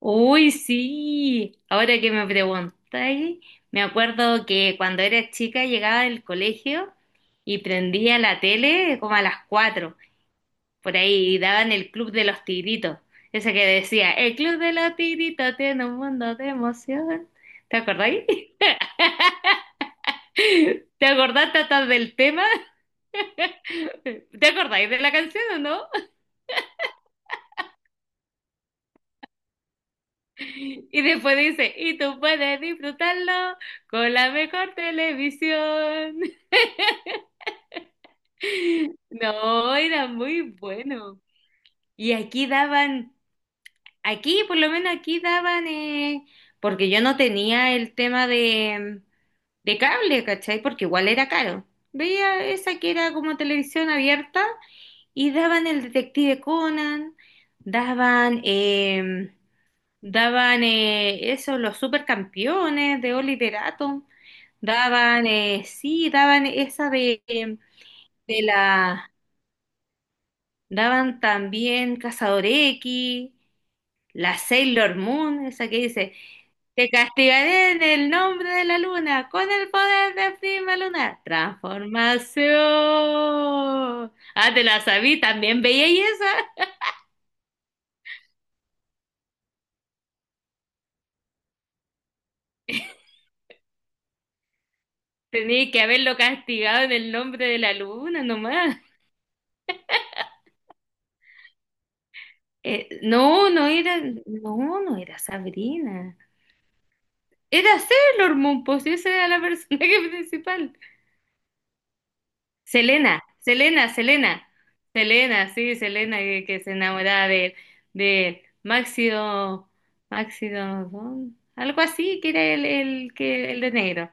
Uy, sí, ahora que me preguntáis, me acuerdo que cuando era chica llegaba del colegio y prendía la tele como a las cuatro por ahí, y daban el Club de los Tigritos, ese que decía, el Club de los Tigritos tiene un mundo de emoción. ¿Te acordáis? ¿Te acordaste hasta del tema? ¿Te acordáis de la canción o no? Y después dice, y tú puedes disfrutarlo con la mejor televisión. No, era muy bueno. Y aquí daban, aquí por lo menos aquí daban, porque yo no tenía el tema de cable, ¿cachai? Porque igual era caro. Veía esa que era como televisión abierta y daban el Detective Conan, daban, daban eso, los supercampeones de Oliver Atom, daban, sí, daban esa de la... Daban también Cazador X, la Sailor Moon, esa que dice, te castigaré en el nombre de la luna, con el poder de Prima Luna. Transformación. Ah, te la sabí, también veía y esa. Tenía que haberlo castigado en el nombre de la luna nomás. No era, no era Sabrina. Era Sailor Moon, pues esa era la personaje principal. Selena, Selena, Selena, Selena, sí, Selena que se enamoraba de, él, de Máximo, Máximo, ¿no? Algo así, que era el de negro,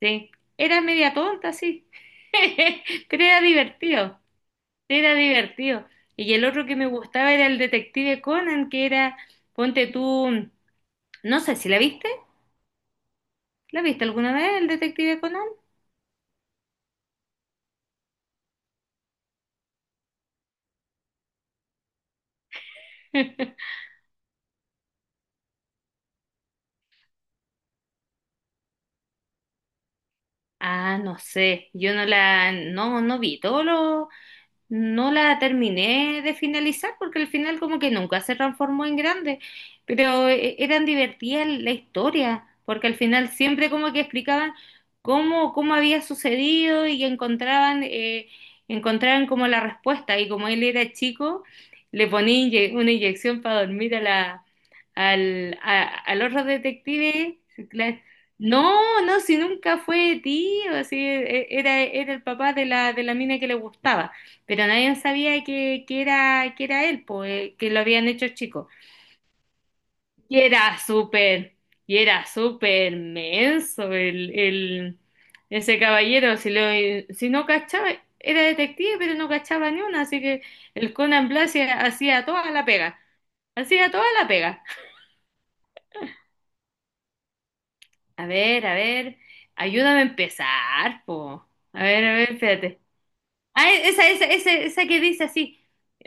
sí. Era media tonta, sí, pero era divertido, era divertido. Y el otro que me gustaba era el detective Conan, que era, ponte tú, no sé si la viste, ¿la viste alguna vez el detective Conan? Ah, no sé, yo no la, no vi todos los... No la terminé de finalizar porque al final como que nunca se transformó en grande, pero eran divertidas la historia, porque al final siempre como que explicaban cómo había sucedido y encontraban, encontraban como la respuesta, y como él era chico, le ponía una inyección para dormir a la, al, al otro detective. La- No, no, si nunca fue tío, así era, era el papá de la mina que le gustaba. Pero nadie sabía que era, que era él, po, que lo habían hecho chico. Y era súper, y era súper menso ese caballero. Si, lo, si no cachaba, era detective, pero no cachaba ni una. Así que el Conan Blase hacía toda la pega. Hacía toda la pega. A ver, ayúdame a empezar, po. A ver, espérate. Ah, esa que dice así.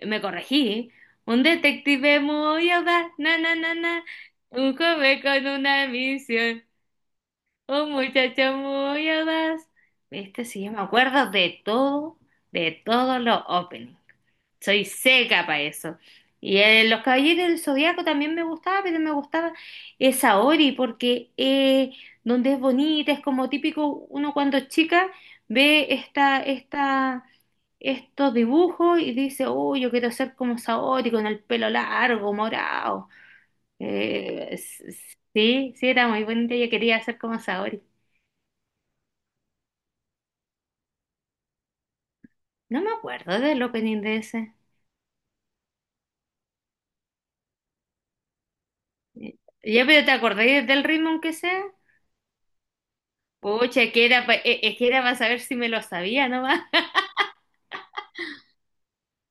Me corregí, ¿eh? Un detective muy audaz, na, na, na, na. Un joven con una misión. Un muchacho muy audaz. Este sí, yo me acuerdo de todo, de todos los openings. Soy seca para eso. Y Los Caballeros del Zodiaco también me gustaba, pero me gustaba esa Ori, porque donde es bonita, es como típico uno cuando es chica ve esta estos dibujos y dice, uy, yo quiero ser como Saori con el pelo largo, morado. Sí, sí, era muy bonita, yo quería ser como Saori. No me acuerdo del opening de ese. Eh, Ya, pero ¿te acordé del ritmo aunque sea? Pucha, que era, es que era para saber si me lo sabía nomás,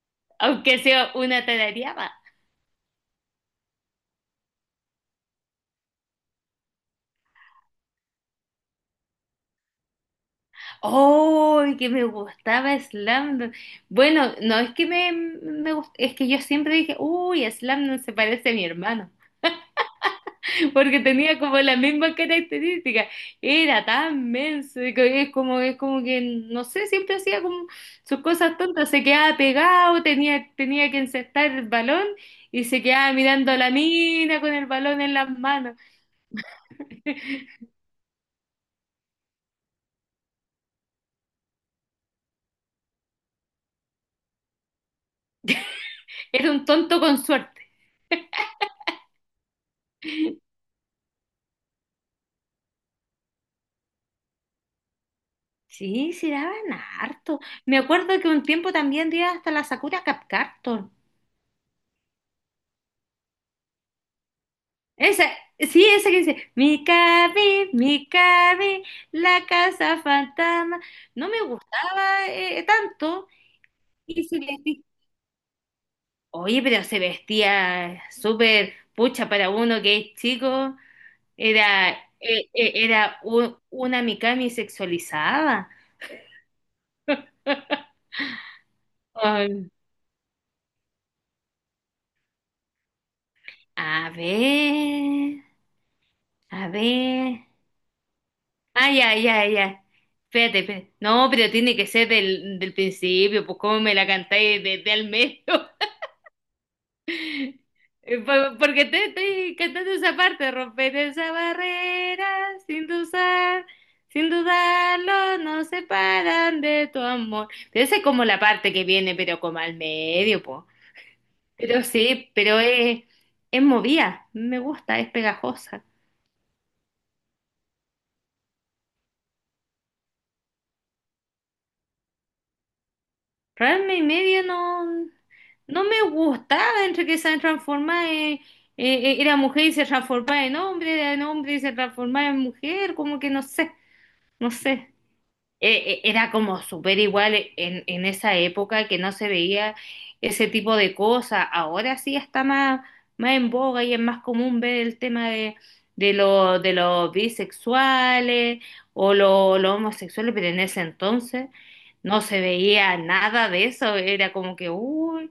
aunque sea una tarareaba. ¡Oh, que me gustaba Slam Dunk! Bueno, no es que me, es que yo siempre dije, uy, Slam Dunk se parece a mi hermano. Porque tenía como la misma característica. Era tan menso, y que es como que, no sé, siempre hacía como sus cosas tontas, se quedaba pegado, tenía, tenía que encestar el balón y se quedaba mirando a la mina con el balón en las manos. Era un tonto con suerte. Sí, sí daban harto. Me acuerdo que un tiempo también dio hasta la Sakura Card Captor. Esa, sí, esa que dice, Mikabi, Mikabi, la casa fantasma. No me gustaba tanto. Y se vestía, oye, pero se vestía súper pucha para uno que es chico. Era, era una Mikami sexualizada. Ay, a ver, a ver. Ay, ay, ay, ay. Espérate, espérate. No, pero tiene que ser del principio, pues cómo me la cantáis desde el medio. Porque te estoy cantando esa parte, romper esa barrera, sin dudar, sin dudarlo, nos separan de tu amor. Pero esa es como la parte que viene, pero como al medio, po. Pero sí, pero es movida, me gusta, es pegajosa. Pero y media no, no me gustaba, entre que se transformaba en, era mujer y se transformaba en hombre, era en hombre y se transformaba en mujer, como que no sé, no sé. Era como súper igual en esa época que no se veía ese tipo de cosas. Ahora sí está más, más en boga y es más común ver el tema de, de los bisexuales o los homosexuales, pero en ese entonces no se veía nada de eso. Era como que, uy,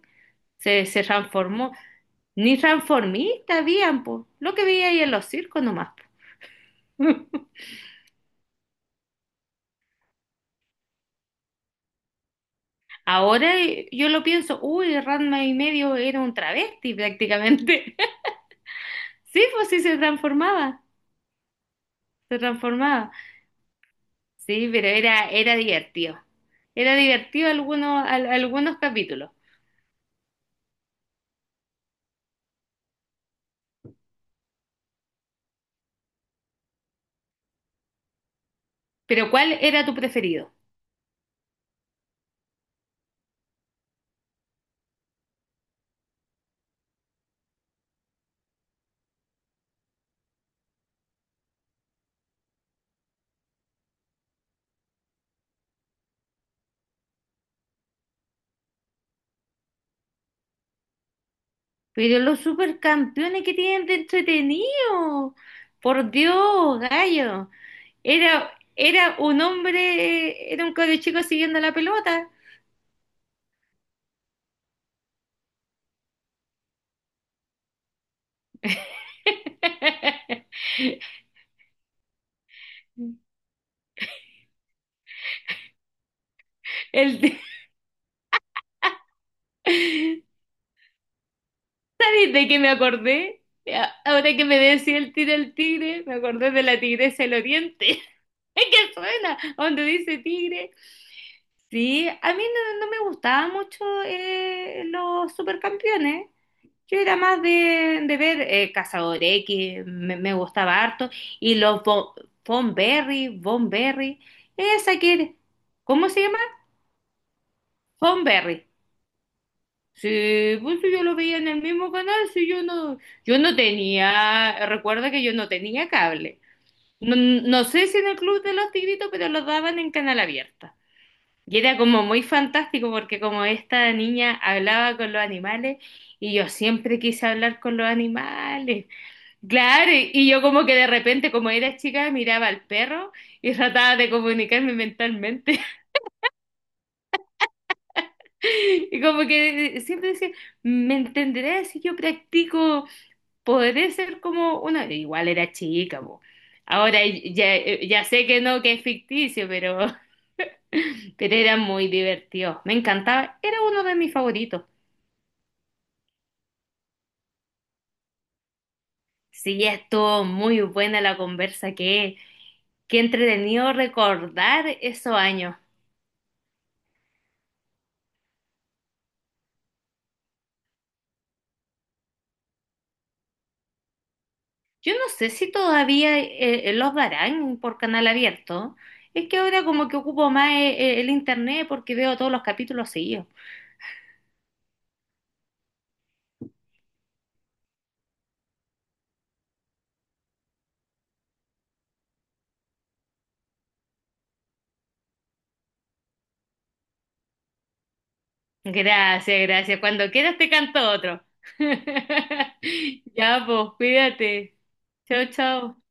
se transformó. Ni transformista habían, pues, lo que veía ahí en los circos nomás. Ahora yo lo pienso, uy, Ranma y medio era un travesti prácticamente. Sí, pues sí se transformaba, se transformaba. Sí, pero era, era divertido. Era divertido algunos, algunos capítulos. Pero ¿cuál era tu preferido? Pero los supercampeones que tienen de entretenido. Por Dios, gallo. Era, era un hombre, era un cabro chico siguiendo la pelota. El, ¿sabes de que me acordé? Ya, ahora que me decía el tigre, me acordé de la tigresa del oriente. Es que suena, donde dice tigre. Sí, a mí no, no me gustaban mucho los supercampeones. Yo era más de ver Cazador X, me gustaba harto. Y los Von Berry, Von Berry, esa que, ¿cómo se llama? Von Berry. Sí, pues si yo lo veía en el mismo canal, si yo no, yo no tenía, recuerda que yo no tenía cable. No, no sé si en el Club de los Tigritos, pero lo daban en canal abierta. Y era como muy fantástico porque como esta niña hablaba con los animales y yo siempre quise hablar con los animales. Claro, y yo como que de repente, como era chica, miraba al perro y trataba de comunicarme mentalmente. Y como que siempre decía, ¿me entenderás si yo practico? Podré ser como una, igual era chica, po. Ahora ya, ya sé que no, que es ficticio, pero, pero era muy divertido. Me encantaba, era uno de mis favoritos. Sí, ya estuvo muy buena la conversa, que qué entretenido recordar esos años. Yo no sé si todavía los darán por canal abierto. Es que ahora como que ocupo más el internet porque veo todos los capítulos seguidos. Gracias, gracias. Cuando quieras te canto otro. Ya, pues, cuídate. Chao, chao.